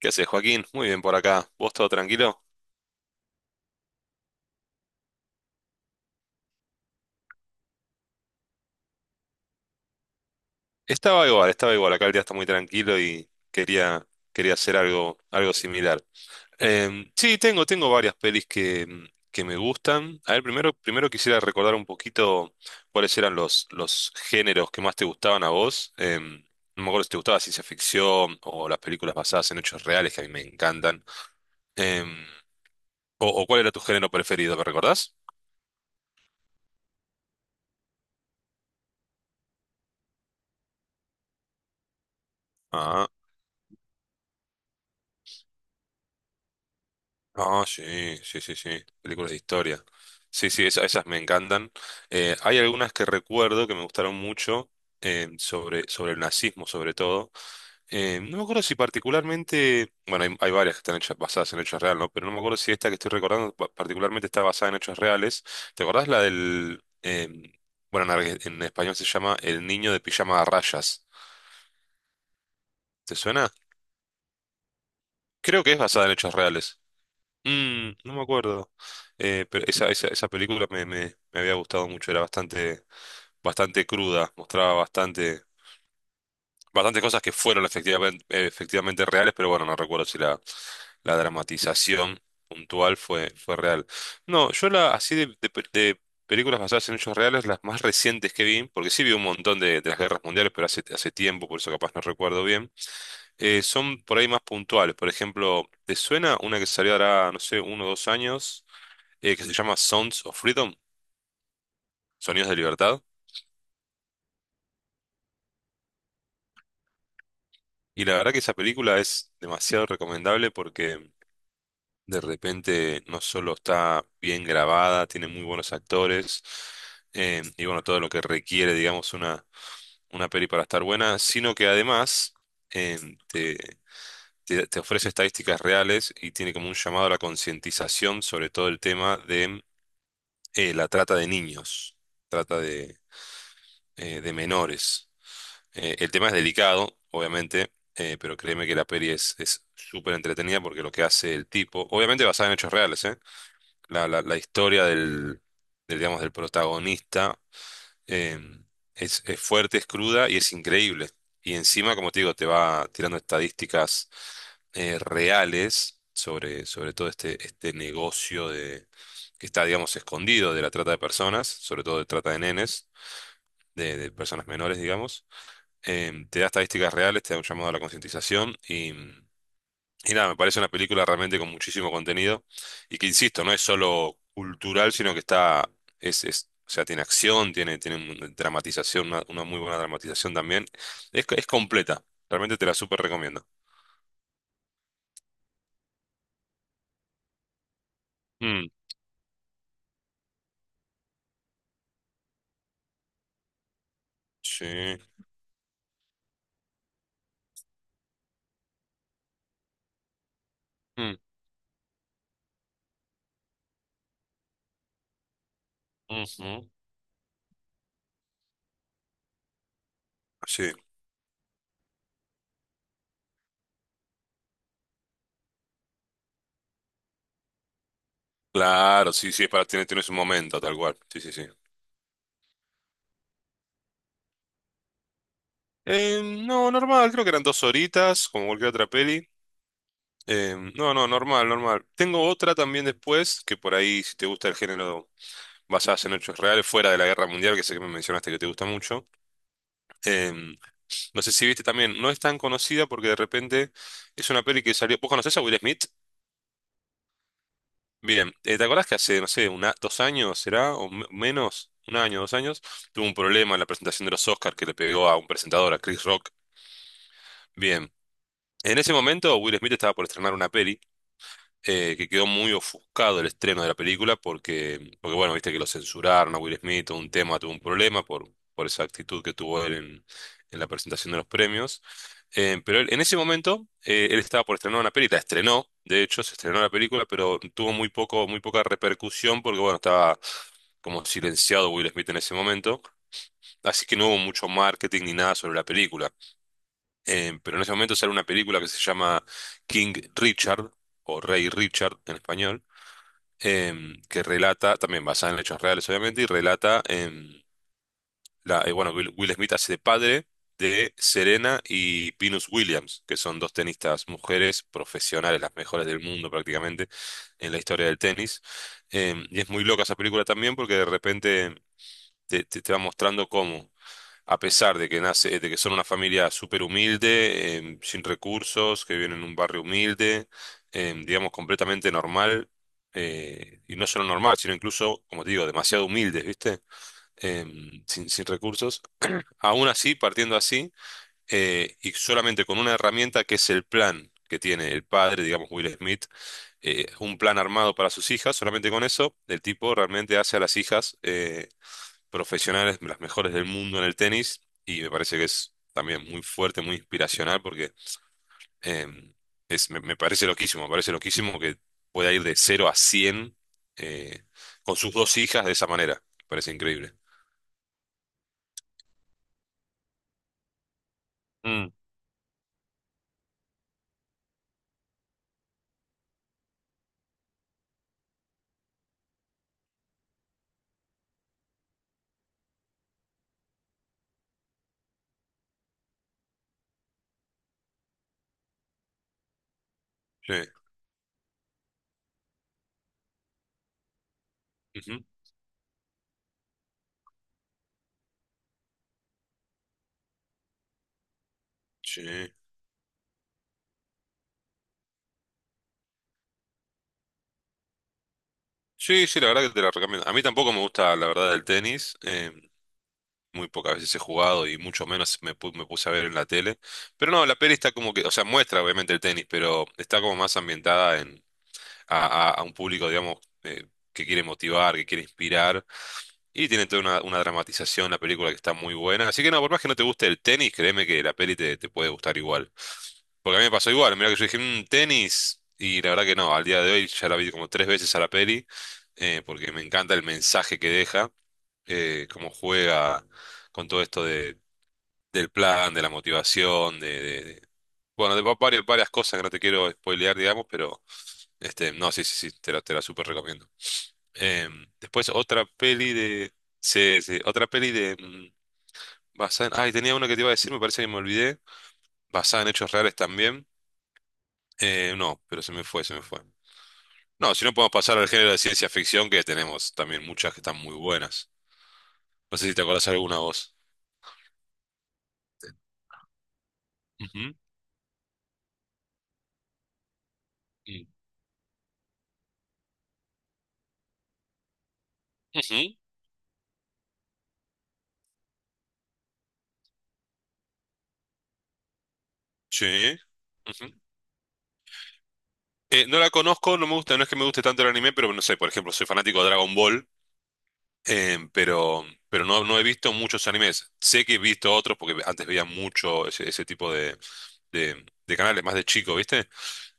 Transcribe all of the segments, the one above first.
¿Qué haces, Joaquín? Muy bien por acá. ¿Vos todo tranquilo? Estaba igual, estaba igual. Acá el día está muy tranquilo y quería hacer algo similar. Sí, tengo varias pelis que me gustan. A ver, primero quisiera recordar un poquito cuáles eran los géneros que más te gustaban a vos. No me acuerdo si te gustaba ciencia ficción o las películas basadas en hechos reales que a mí me encantan. Em, o cuál era tu género preferido, ¿me recordás? Ah. Ah, sí, sí, sí, sí. Películas de historia. Sí, sí, esas, me encantan. Hay algunas que recuerdo que me gustaron mucho, sobre el nazismo, sobre todo. No me acuerdo si particularmente, bueno, hay varias que están hechas basadas en hechos reales, ¿no? Pero no me acuerdo si esta que estoy recordando particularmente está basada en hechos reales. ¿Te acordás la del, bueno, en español se llama El niño de pijama a rayas? ¿Te suena? Creo que es basada en hechos reales. No me acuerdo. Pero esa película me había gustado mucho, era bastante, bastante cruda, mostraba bastantes cosas que fueron efectivamente, efectivamente reales, pero bueno, no recuerdo si la dramatización puntual fue real. No, así de películas basadas en hechos reales, las más recientes que vi, porque sí vi un montón de las guerras mundiales, pero hace tiempo, por eso capaz no recuerdo bien, son por ahí más puntuales. Por ejemplo, ¿te suena una que salió ahora, no sé, 1 o 2 años? Que se llama Sounds of Freedom, Sonidos de Libertad. Y la verdad que esa película es demasiado recomendable porque de repente no solo está bien grabada, tiene muy buenos actores, y bueno, todo lo que requiere, digamos, una peli para estar buena, sino que además, eh, te, te ofrece estadísticas reales y tiene como un llamado a la concientización sobre todo el tema de, la trata de niños, trata de menores. El tema es delicado, obviamente, pero créeme que la peli es súper entretenida porque lo que hace el tipo, obviamente basada en hechos reales, ¿eh? La historia del, digamos, del protagonista, eh, es fuerte, es cruda y es increíble. Y encima, como te digo, te va tirando estadísticas, reales sobre todo este negocio que está, digamos, escondido de la trata de personas, sobre todo de trata de nenes, de personas menores, digamos, te da estadísticas reales, te da un llamado a la concientización y nada, me parece una película realmente con muchísimo contenido y que, insisto, no es solo cultural, sino que o sea, tiene acción, tiene, tiene una dramatización, una muy buena dramatización también. Es completa, realmente te la súper recomiendo. Mm, sí. Mm, ujú. Sí, claro, sí, sí, es para tienes un momento, tal cual. Sí, sí, sí. No, normal, creo que eran 2 horitas, como cualquier otra peli. No, no, normal, normal. Tengo otra también después, que por ahí, si te gusta el género basadas en hechos reales, fuera de la Guerra Mundial, que sé que me mencionaste que te gusta mucho. Eh, no sé si viste también, no es tan conocida porque de repente es una peli que salió. ¿Vos conocés a Will Smith? Bien, ¿te acordás que hace, no sé, una, 2 años será, o menos, un año, 2 años, tuvo un problema en la presentación de los Oscars que le pegó a un presentador, a Chris Rock? Bien. En ese momento, Will Smith estaba por estrenar una peli, que quedó muy ofuscado el estreno de la película porque, porque bueno, viste que lo censuraron a Will Smith, todo un tema, tuvo un problema por esa actitud que tuvo él en la presentación de los premios. En ese momento, él estaba por estrenar una película, estrenó, de hecho, se estrenó la película, pero tuvo muy poca repercusión porque, bueno, estaba como silenciado Will Smith en ese momento, así que no hubo mucho marketing ni nada sobre la película. Pero en ese momento sale una película que se llama King Richard, o Rey Richard en español, que relata, también basada en hechos reales, obviamente, y relata, bueno, Will Smith hace de padre de Serena y Venus Williams, que son dos tenistas mujeres profesionales, las mejores del mundo prácticamente en la historia del tenis. Y es muy loca esa película también porque de repente te va mostrando cómo, a pesar de que de que son una familia súper humilde, sin recursos, que viven en un barrio humilde, digamos, completamente normal, y no solo normal, sino incluso, como te digo, demasiado humildes, ¿viste? Sin recursos. Aún así, partiendo así, y solamente con una herramienta que es el plan que tiene el padre, digamos, Will Smith, un plan armado para sus hijas, solamente con eso, el tipo realmente hace a las hijas profesionales, las mejores del mundo en el tenis, y me parece que es también muy fuerte, muy inspiracional, porque em, me parece loquísimo que pueda ir de 0 a 100 eh, con sus dos hijas de esa manera. Me parece increíble. Mm, sí, ujú, sí. Sí, sí, la verdad que te la recomiendo. A mí tampoco me gusta, la verdad, el tenis. Muy pocas veces he jugado y mucho menos me puse a ver en la tele. Pero no, la peli está como que, o sea, muestra obviamente el tenis, pero está como más ambientada a un público, digamos, eh, que quiere motivar, que quiere inspirar. Y tiene toda una dramatización, la película que está muy buena. Así que no, por más que no te guste el tenis, créeme que la peli te puede gustar igual. Porque a mí me pasó igual, mira que yo dije, "Mm, tenis", y la verdad que no, al día de hoy ya la vi como tres veces a la peli, porque me encanta el mensaje que deja, cómo juega con todo esto del plan, de la motivación, bueno, varias, varias cosas que no te quiero spoilear, digamos, pero este, no, sí, sí, sí, te la súper recomiendo. Después otra peli de. Sí, sí, otra peli de. Basada en. Ay, tenía una que te iba a decir, me parece que me olvidé. Basada en hechos reales también. No, pero se me fue, se me fue. No, si no podemos pasar al género de ciencia ficción, que tenemos también muchas que están muy buenas. No sé si te acordás alguna voz. Ujú. Mm. Ujú. Sí. Ujú. No la conozco, no me gusta, no es que me guste tanto el anime, pero no sé, por ejemplo, soy fanático de Dragon Ball. Pero no he visto muchos animes. Sé que he visto otros porque antes veía mucho ese tipo de canales, más de chico, ¿viste?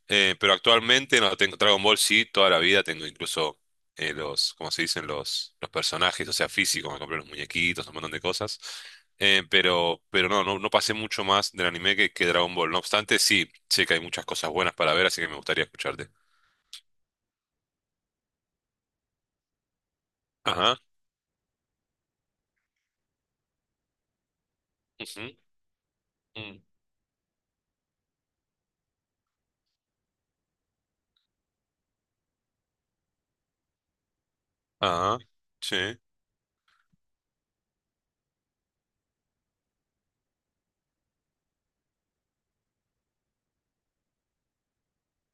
Pero actualmente no tengo Dragon Ball, sí, toda la vida tengo incluso, ¿cómo se dicen? Los personajes, o sea, físicos, me compré los muñequitos, un montón de cosas. Pero no pasé mucho más del anime que Dragon Ball. No obstante, sí, sé que hay muchas cosas buenas para ver, así que me gustaría escucharte. Ajá. Ujú. Mm. Ajá. Sí.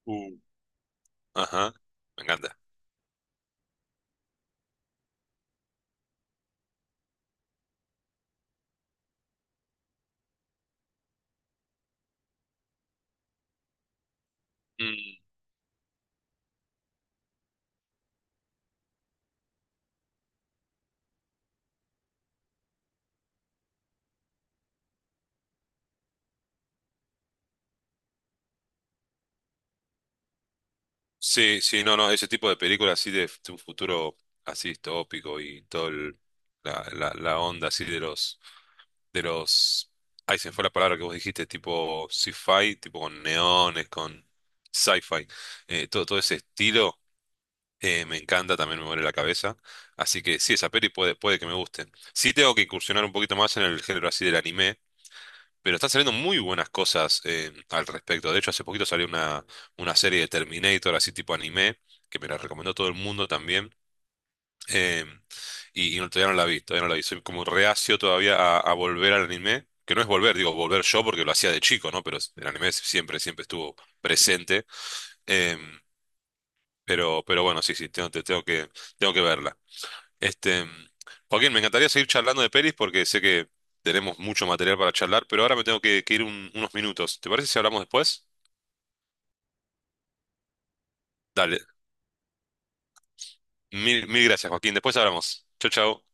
uh, Ajá. Me encanta. Mm. Sí, sí, no, no, ese tipo de películas así un futuro así distópico y todo la onda así de los, de los, ahí se me fue la palabra que vos dijiste, tipo sci-fi, tipo con neones, con sci-fi, todo ese estilo, me encanta, también me muere la cabeza, así que sí, esa peli puede que me guste. Sí tengo que incursionar un poquito más en el género así del anime. Pero están saliendo muy buenas cosas, al respecto. De hecho, hace poquito salió una serie de Terminator, así tipo anime, que me la recomendó todo el mundo también. eh, no, todavía no la vi, todavía no la vi. Soy como reacio todavía a volver al anime. Que no es volver, digo, volver yo porque lo hacía de chico, ¿no? Pero el anime siempre, siempre estuvo presente. eh, pero bueno, sí, sí, tengo que verla. Este, Joaquín, me encantaría seguir charlando de pelis porque sé que tenemos mucho material para charlar, pero ahora me tengo que ir unos minutos. ¿Te parece si hablamos después? Dale, mil, mil gracias, Joaquín. Después hablamos. Chau, chau.